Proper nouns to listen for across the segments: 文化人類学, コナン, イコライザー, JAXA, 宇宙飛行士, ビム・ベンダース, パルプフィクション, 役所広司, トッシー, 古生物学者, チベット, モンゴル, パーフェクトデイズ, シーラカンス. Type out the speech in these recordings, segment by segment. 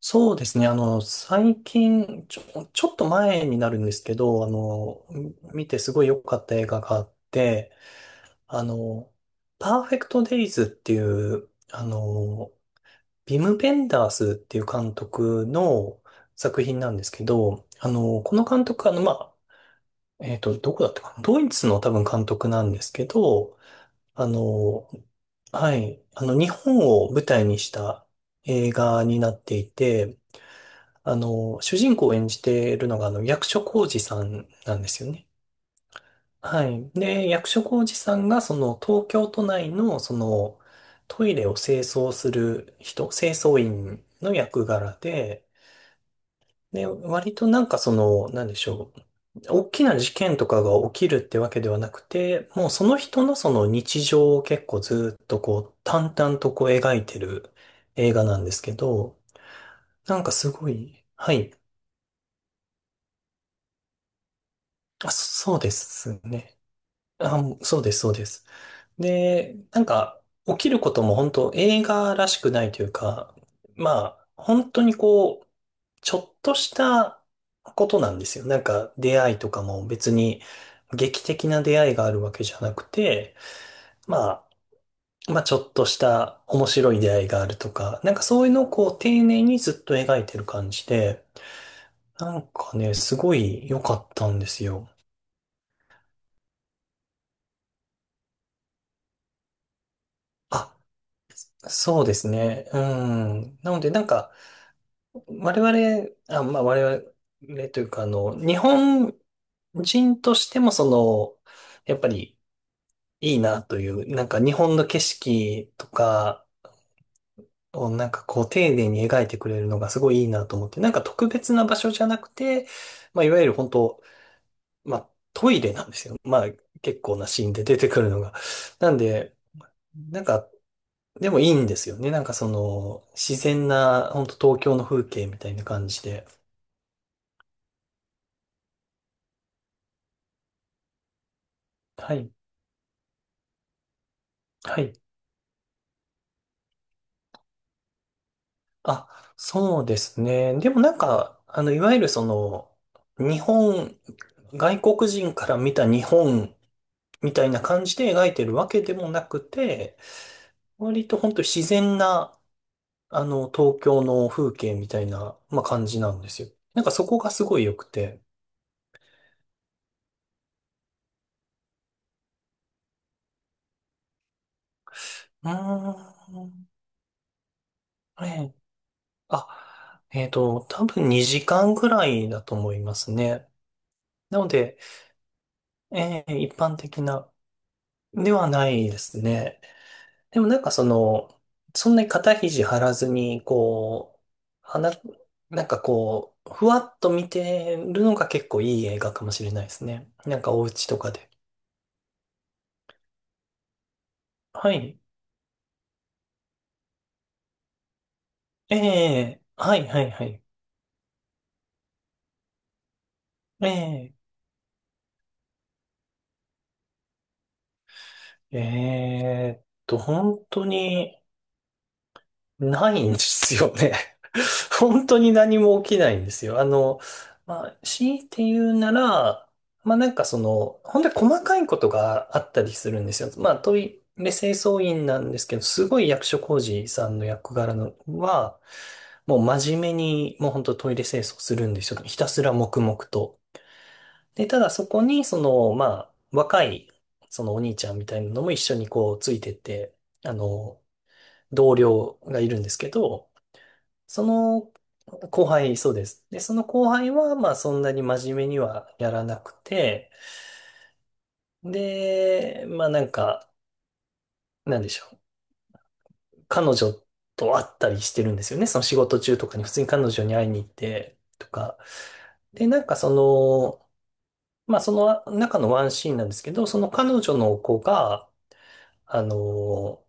そうですね。最近、ちょっと前になるんですけど、見てすごい良かった映画があって、あの、パーフェクトデイズっていう、ビム・ベンダースっていう監督の作品なんですけど、この監督、まあ、どこだったかなドイツの多分監督なんですけど、あの、はい、日本を舞台にした映画になっていて、主人公を演じているのが、役所広司さんなんですよね。はい。で、役所広司さんが、その、東京都内の、その、トイレを清掃する人、清掃員の役柄で、で、割となんかその、なんでしょう。大きな事件とかが起きるってわけではなくて、もうその人のその日常を結構ずっとこう、淡々とこう描いてる映画なんですけど、なんかすごい、はい。あ、そうですね。あ、もうそうです、そうです。で、なんか、起きることも本当映画らしくないというか、まあ、本当にこう、ちょっとしたことなんですよ。なんか、出会いとかも別に劇的な出会いがあるわけじゃなくて、まあ、まあ、ちょっとした面白い出会いがあるとか、なんかそういうのをこう、丁寧にずっと描いてる感じで、なんかね、すごい良かったんですよ。あそうですね。うん。なので、なんか、我々、あ、まあ我々というか、日本人としてもその、やっぱりいいなという、なんか日本の景色とかをなんかこう丁寧に描いてくれるのがすごいいいなと思って、なんか特別な場所じゃなくて、まあいわゆる本当、まあトイレなんですよ。まあ結構なシーンで出てくるのが。なんで、なんか、でもいいんですよね。なんかその、自然な、本当東京の風景みたいな感じで。はい。はい。あ、そうですね。でもなんか、いわゆるその、日本、外国人から見た日本みたいな感じで描いてるわけでもなくて、割と本当自然な、東京の風景みたいな、まあ、感じなんですよ。なんかそこがすごい良くて。うーん、ええ、あ、多分2時間ぐらいだと思いますね。なので、ええ、一般的なではないですね。でもなんかその、そんなに肩肘張らずに、こう、花、なんかこう、ふわっと見てるのが結構いい映画かもしれないですね。なんかお家とかで。はい。ええはいはいはい。ええ本当に、ないんですよね。本当に何も起きないんですよ。まあ、強いて言うなら、まあなんかその、本当に細かいことがあったりするんですよ。まあトイレ清掃員なんですけど、すごい役所広司さんの役柄のは、もう真面目に、もう本当トイレ清掃するんですよ。ひたすら黙々と。で、ただそこに、その、まあ、若い、そのお兄ちゃんみたいなのも一緒にこうついてって、あの、同僚がいるんですけど、その後輩、そうです。で、その後輩は、まあそんなに真面目にはやらなくて、で、まあなんか、なんでしょう。彼女と会ったりしてるんですよね。その仕事中とかに普通に彼女に会いに行ってとか。で、なんかその、まあその中のワンシーンなんですけど、その彼女の子が、あの、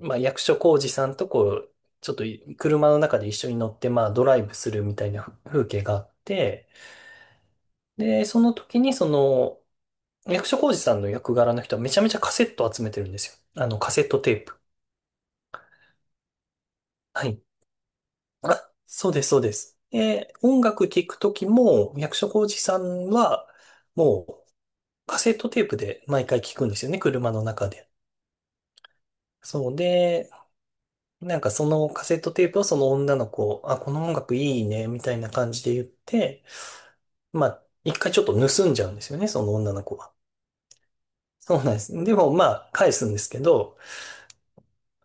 まあ役所広司さんとこう、ちょっと車の中で一緒に乗って、まあドライブするみたいな風景があって、で、その時にその役所広司さんの役柄の人はめちゃめちゃカセット集めてるんですよ。あのカセットテープ。はい。あ、そうです、そうです。で、音楽聴く時も役所広司さんはもうカセットテープで毎回聴くんですよね、車の中で。そうで、なんかそのカセットテープをその女の子、あ、この音楽いいね、みたいな感じで言って、まあ、一回ちょっと盗んじゃうんですよね、その女の子は。そうなんです。でもまあ、返すんですけど、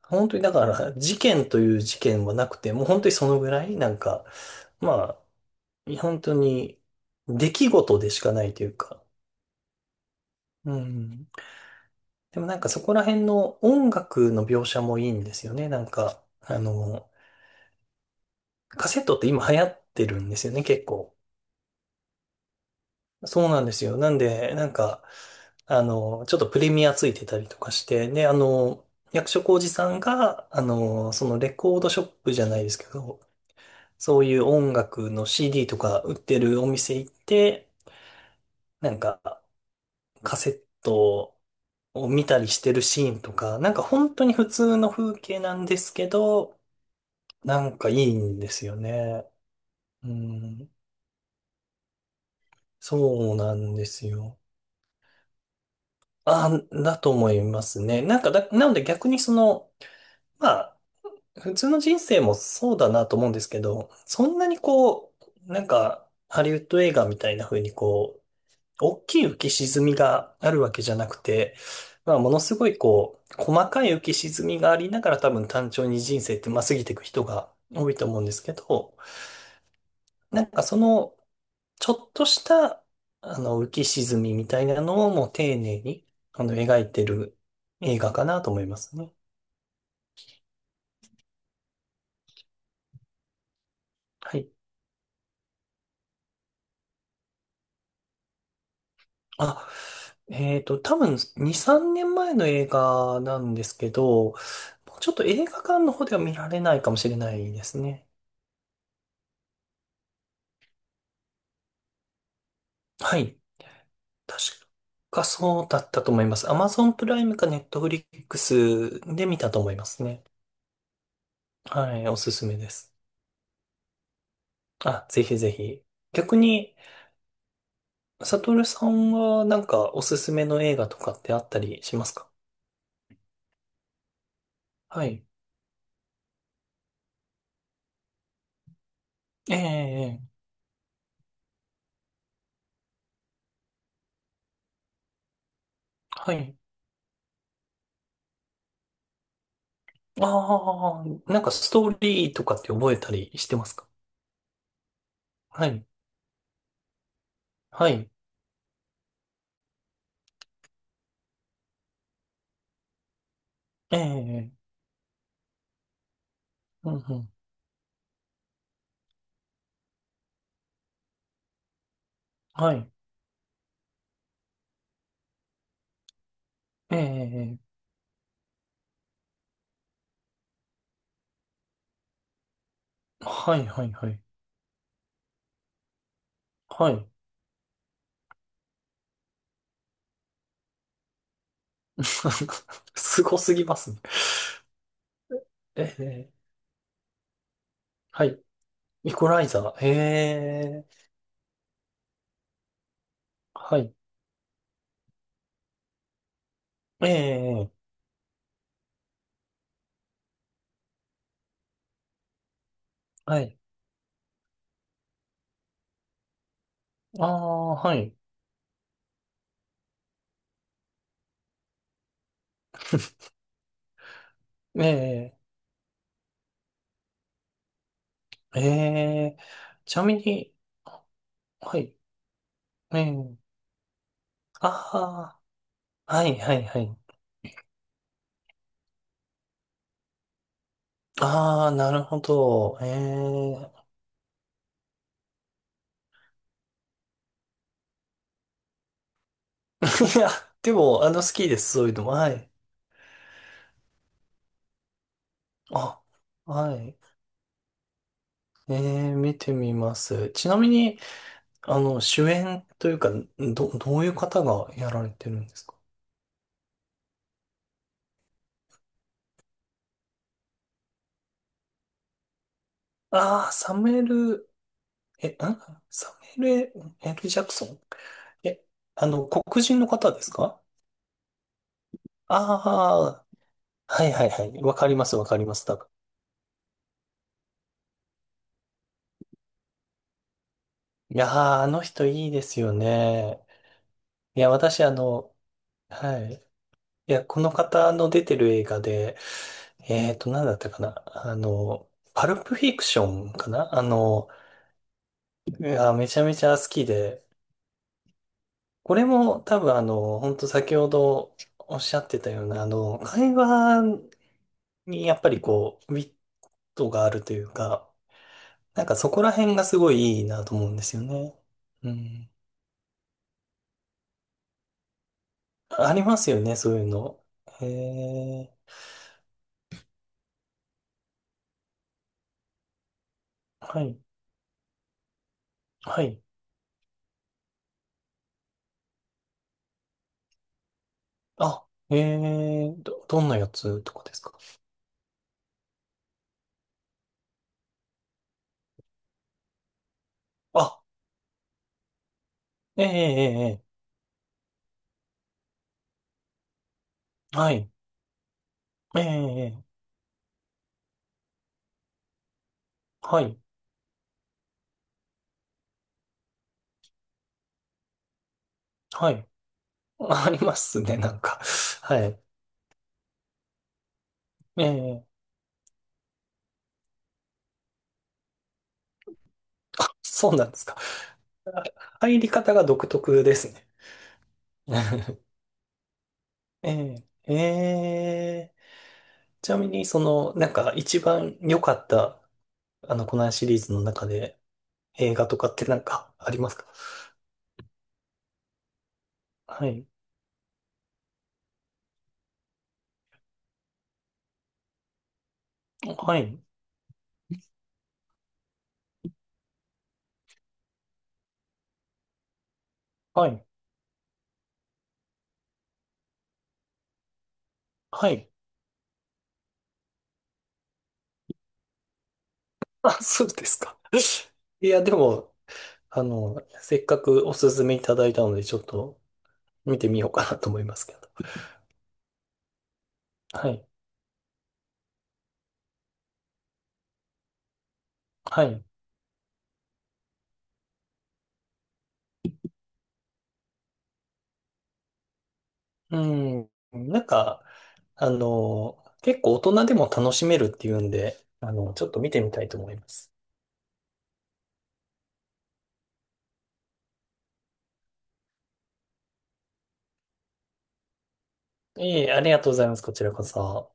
本当にだから、事件という事件はなくて、もう本当にそのぐらい、なんか、まあ、本当に出来事でしかないというか、うん。でもなんかそこら辺の音楽の描写もいいんですよね。なんか、カセットって今流行ってるんですよね、結構。そうなんですよ。なんで、なんか、ちょっとプレミアついてたりとかして、で、役所広司さんが、そのレコードショップじゃないですけど、そういう音楽の CD とか売ってるお店行って、なんかカセットを見たりしてるシーンとか、なんか本当に普通の風景なんですけど、なんかいいんですよね。うん、そうなんですよ。あ、だと思いますね。なんかだ、なので逆にその、まあ、普通の人生もそうだなと思うんですけど、そんなにこう、なんか、ハリウッド映画みたいな風にこ大きい浮き沈みがあるわけじゃなくて、まあ、ものすごいこう、細かい浮き沈みがありながら多分単調に人生ってまあ過ぎていく人が多いと思うんですけど、なんかその、ちょっとした、浮き沈みみたいなのをもう丁寧に、描いてる映画かなと思いますね。はい。あ、多分2、3年前の映画なんですけど、もうちょっと映画館の方では見られないかもしれないですね。はい。確かそうだったと思います。Amazon プライムか Netflix で見たと思いますね。はい、おすすめです。あ、ぜひぜひ。逆に、サトルさんはなんかおすすめの映画とかってあったりしますか。はい。ええ、ええはい。ああ、なんかストーリーとかって覚えたりしてますか。はい。はい。ええ、ええうんうん。はい。ええ、ええはい、はい、はい。はい。すごすぎますね。ええ、はい。イコライザー。へえ。はい。ええ。はい。ああ、はい。ええ。ええ。ちなみに、はい。ええ。ああ、はい、はい、はい。ああ、なるほど。ええ。いや、でも、好きです。そういうのも。はい。あ、はい。ええ、見てみます。ちなみに、主演というか、どういう方がやられてるんですか。ああー、サムエル・え、あ、サムエル L. ジャクソンえ、黒人の方ですか。ああー、はいはいはい。わかりますわかります。多分いやー、あの人いいですよね。いや、私はい。いや、この方の出てる映画で、なんだったかな。あの、パルプフィクションかなあの、いや、めちゃめちゃ好きで、これも多分本当先ほどおっしゃってたような、会話に、やっぱりこう、ウィットがあるというか、なんかそこら辺がすごいいいなと思うんですよね。うん。ありますよね、そういうの。へえ、はい、はい。あ、ええ、どんなやつとかですか。あ、ええ、ええ、ええはい、ええ、ええはい、はい。ありますね、なんか。はい。ええ、あ、そうなんですか。あ入り方が独特ですね。ええ、ええちなみに、その、なんか一番良かった、コナンシリーズの中で映画とかってなんかありますか。はい。はい。はい。はい。あ、そうですか。いや、でも、せっかくおすすめいただいたので、ちょっと見てみようかなと思いますけど。はい。はい。うん。なんか、結構大人でも楽しめるっていうんで、ちょっと見てみたいと思います。いえいえ、ありがとうございます。こちらこそ。